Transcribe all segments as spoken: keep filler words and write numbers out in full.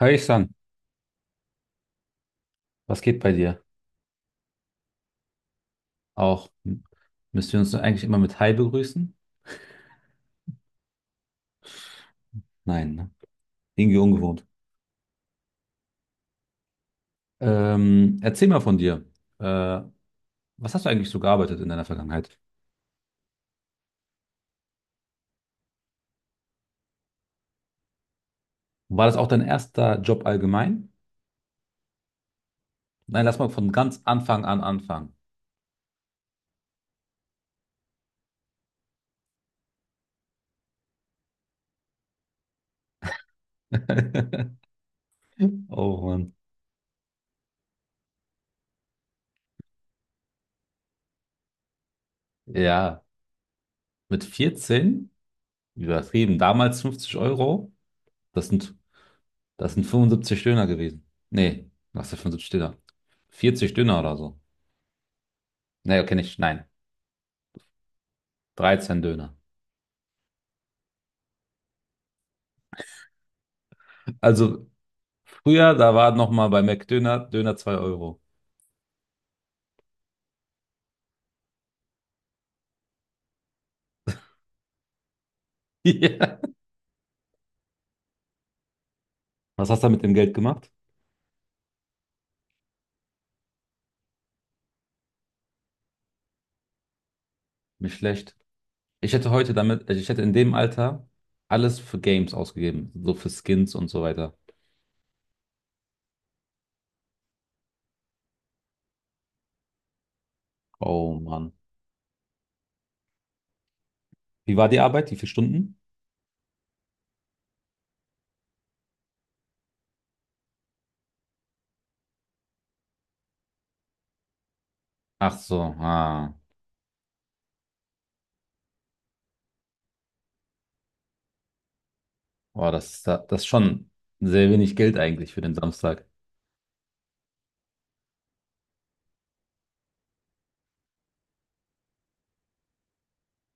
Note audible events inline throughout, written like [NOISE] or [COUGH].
Hi, Ihsan, was geht bei dir? Auch hm, müssen wir uns eigentlich immer mit Hi begrüßen? Nein, ne? Irgendwie ungewohnt. Ähm, erzähl mal von dir. Äh, Was hast du eigentlich so gearbeitet in deiner Vergangenheit? War das auch dein erster Job allgemein? Nein, lass mal von ganz Anfang an anfangen. [LAUGHS] Oh Mann. Ja, mit vierzehn, übertrieben, damals fünfzig Euro, das sind, das sind fünfundsiebzig Döner gewesen. Nee, was für fünfundsiebzig Döner? vierzig Döner oder so. Nee, okay, nicht, nein. dreizehn Döner. Also früher, da war noch mal bei McDöner, Döner zwei Euro. [LAUGHS] Ja. Was hast du mit dem Geld gemacht? Nicht schlecht. Ich hätte heute damit, also ich hätte in dem Alter alles für Games ausgegeben, so für Skins und so weiter. Oh Mann. Wie war die Arbeit? Wie viele Stunden? Ach so, ah. Boah, das ist, da- das ist schon sehr wenig Geld eigentlich für den Samstag.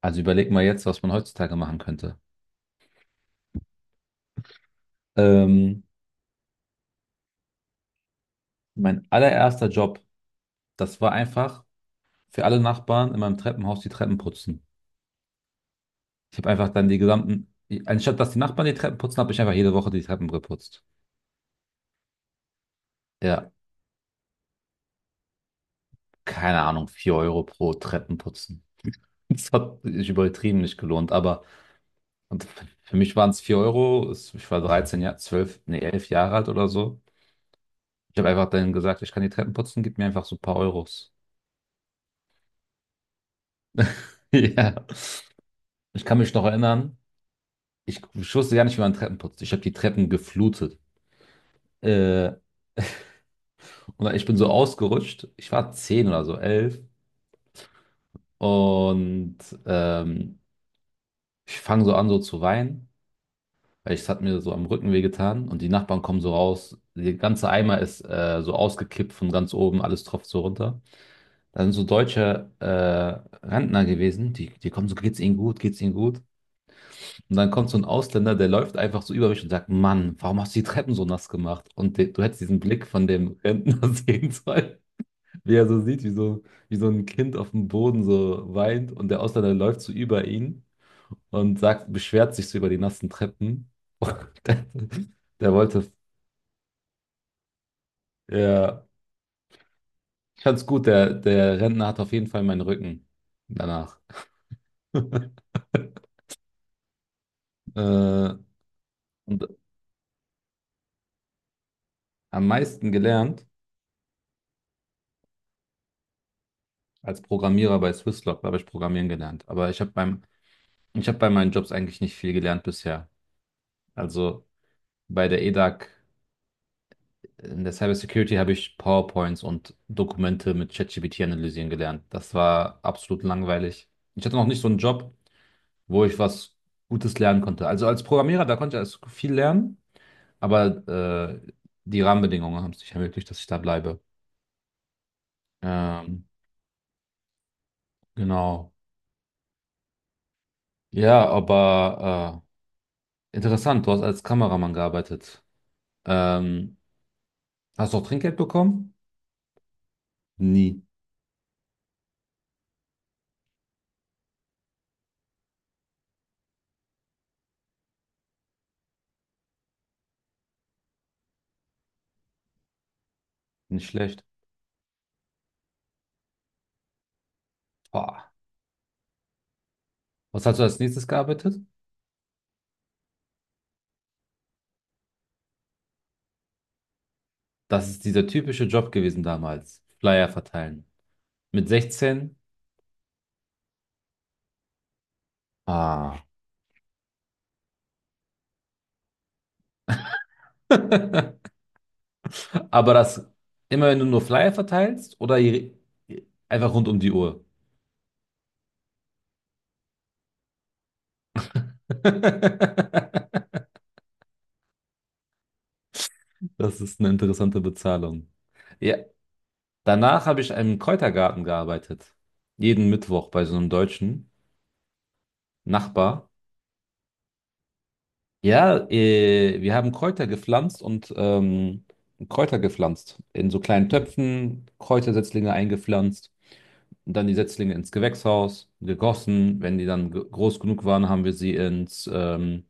Also überleg mal jetzt, was man heutzutage machen könnte. Ähm, Mein allererster Job, das war einfach für alle Nachbarn in meinem Treppenhaus die Treppen putzen. Ich habe einfach dann die gesamten, anstatt dass die Nachbarn die Treppen putzen, habe ich einfach jede Woche die Treppen geputzt. Ja, keine Ahnung, vier Euro pro Treppenputzen. [LAUGHS] Das hat sich übertrieben nicht gelohnt, aber und für mich waren es vier Euro. Es- Ich war dreizehn Jahre, zwölf, nee, elf Jahre alt oder so. Ich habe einfach dann gesagt, ich kann die Treppen putzen, gib mir einfach so ein paar Euros. [LAUGHS] Ja, ich kann mich noch erinnern, ich, ich wusste gar nicht, wie man Treppen putzt. Ich habe die Treppen geflutet. Äh, und ich bin so ausgerutscht. Ich war zehn oder so, elf. Und ähm, Ich fange so an, so zu weinen, weil es hat mir so am Rücken wehgetan und die Nachbarn kommen so raus. Der ganze Eimer ist äh, so ausgekippt von ganz oben, alles tropft so runter. Da sind so deutsche äh, Rentner gewesen, die, die kommen so, geht's ihnen gut, geht's ihnen gut. Und dann kommt so ein Ausländer, der läuft einfach so über mich und sagt, Mann, warum hast du die Treppen so nass gemacht? Und de, du hättest diesen Blick von dem Rentner [LAUGHS] sehen sollen, wie er so sieht, wie so, wie so ein Kind auf dem Boden so weint und der Ausländer läuft so über ihn und sagt, beschwert sich so über die nassen Treppen. Und [LAUGHS] der, der wollte, ja, ich fand's gut, der, der Rentner hat auf jeden Fall meinen Rücken danach. [LAUGHS] Äh, und Am meisten gelernt als Programmierer bei Swisslog, da habe ich Programmieren gelernt. Aber ich habe beim, ich habe bei meinen Jobs eigentlich nicht viel gelernt bisher. Also bei der E D A G, in der Cybersecurity habe ich PowerPoints und Dokumente mit ChatGPT analysieren gelernt. Das war absolut langweilig. Ich hatte noch nicht so einen Job, wo ich was Gutes lernen konnte. Also als Programmierer, da konnte ich also viel lernen, aber äh, die Rahmenbedingungen haben es nicht ermöglicht, dass ich da bleibe. Ähm, genau. Ja, aber äh, interessant, du hast als Kameramann gearbeitet. Ähm, Hast du auch Trinkgeld bekommen? Nie. Nicht schlecht. Boah. Was hast du als nächstes gearbeitet? Das ist dieser typische Job gewesen damals. Flyer verteilen. Mit sechzehn? Ah. [LAUGHS] Aber das immer, wenn du nur Flyer verteilst oder je- einfach rund um die Uhr. [LAUGHS] Das ist eine interessante Bezahlung. Ja, danach habe ich im Kräutergarten gearbeitet. Jeden Mittwoch bei so einem deutschen Nachbar. Ja, äh, wir haben Kräuter gepflanzt und ähm, Kräuter gepflanzt. In so kleinen Töpfen, Kräutersetzlinge eingepflanzt und dann die Setzlinge ins Gewächshaus gegossen. Wenn die dann ge- groß genug waren, haben wir sie ins ähm,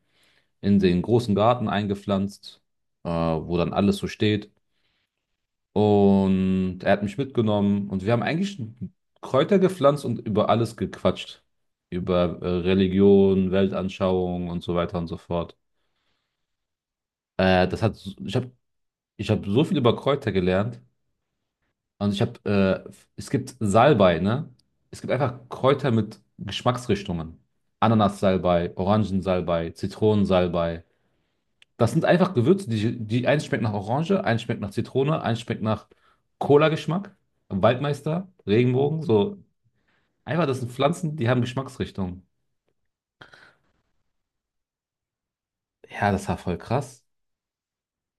in den großen Garten eingepflanzt, äh, wo dann alles so steht. Und er hat mich mitgenommen und wir haben eigentlich Kräuter gepflanzt und über alles gequatscht. Über äh, Religion, Weltanschauung und so weiter und so fort. Äh, das hat, so- ich habe ich hab so viel über Kräuter gelernt. Und ich habe, äh, es gibt Salbei, ne? Es gibt einfach Kräuter mit Geschmacksrichtungen. Ananassalbei, Orangensalbei, Zitronensalbei. Das sind einfach Gewürze, die, die eins schmeckt nach Orange, eins schmeckt nach Zitrone, eins schmeckt nach Cola-Geschmack, Waldmeister, Regenbogen, so. Einfach, das sind Pflanzen, die haben Geschmacksrichtungen. Ja, das war voll krass.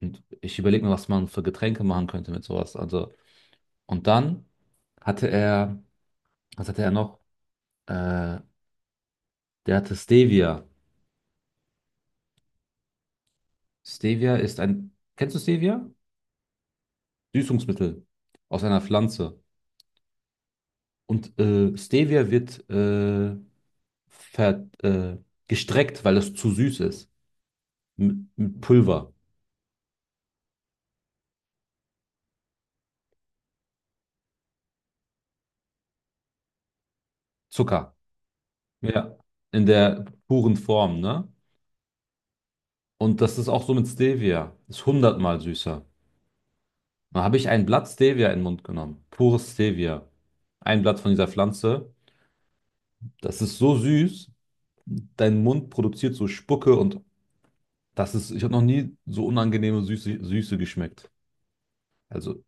Und ich überlege mir, was man für Getränke machen könnte mit sowas. Also, und dann hatte er, was hatte er noch? Äh, Der hatte Stevia. Stevia ist ein, kennst du Stevia? Süßungsmittel aus einer Pflanze. Und äh, Stevia wird äh, ver, äh, gestreckt, weil es zu süß ist. Mit, mit Pulver, Zucker. Ja. In der puren Form, ne? Und das ist auch so mit Stevia. Ist hundertmal süßer. Da habe ich ein Blatt Stevia in den Mund genommen. Pures Stevia. Ein Blatt von dieser Pflanze. Das ist so süß. Dein Mund produziert so Spucke und das ist, ich habe noch nie so unangenehme Süße, Süße geschmeckt. Also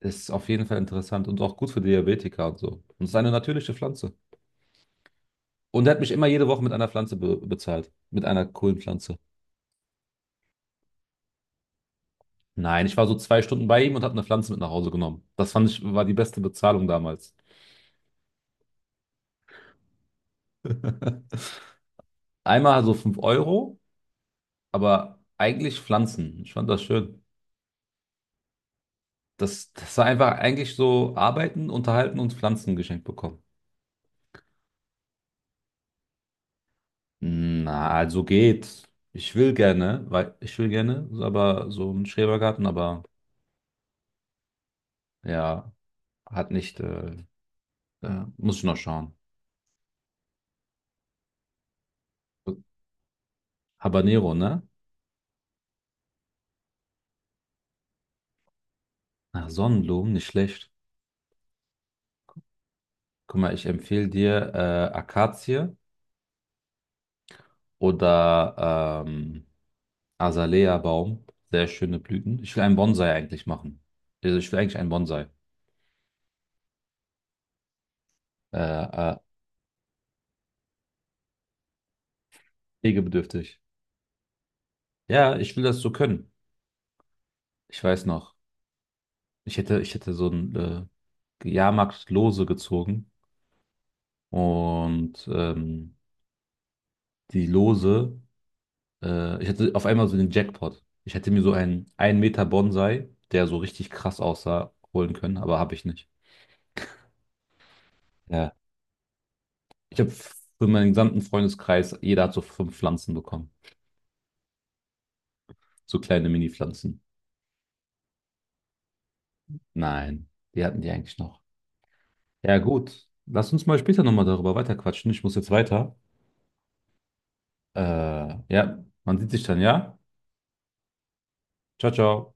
Ist auf jeden Fall interessant und auch gut für Diabetiker und so. Und es ist eine natürliche Pflanze. Und er hat mich immer jede Woche mit einer Pflanze be bezahlt. Mit einer Kohlenpflanze. Nein, ich war so zwei Stunden bei ihm und habe eine Pflanze mit nach Hause genommen. Das fand ich, war die beste Bezahlung damals. [LAUGHS] Einmal so fünf Euro, aber eigentlich Pflanzen. Ich fand das schön. Das, das war einfach eigentlich so arbeiten, unterhalten und Pflanzen geschenkt bekommen. Na, also geht. Ich will gerne, weil ich will gerne, aber so einen Schrebergarten, aber ja, Hat nicht, äh, äh, muss ich noch schauen. Habanero, ne? Ach, Sonnenblumen, nicht schlecht. Guck mal, ich empfehle dir äh, Akazie oder ähm, Azalea-Baum. Sehr schöne Blüten. Ich will einen Bonsai eigentlich machen. Also ich will eigentlich einen Bonsai. Äh, äh, pflegebedürftig. Ja, ich will das so können. Ich weiß noch. Ich hätte, ich hätte so ein äh, Jahrmarkt-Lose gezogen und ähm, die Lose Äh, ich hatte auf einmal so den Jackpot. Ich hätte mir so einen ein Meter Bonsai, der so richtig krass aussah, holen können, aber habe ich nicht. Ja. Ich habe für meinen gesamten Freundeskreis, jeder hat so fünf Pflanzen bekommen. So kleine Mini-Pflanzen. Nein, die hatten die eigentlich noch. Ja, gut. Lass uns mal später nochmal darüber weiterquatschen. Ich muss jetzt weiter. Äh, ja, man sieht sich dann, ja? Ciao, ciao.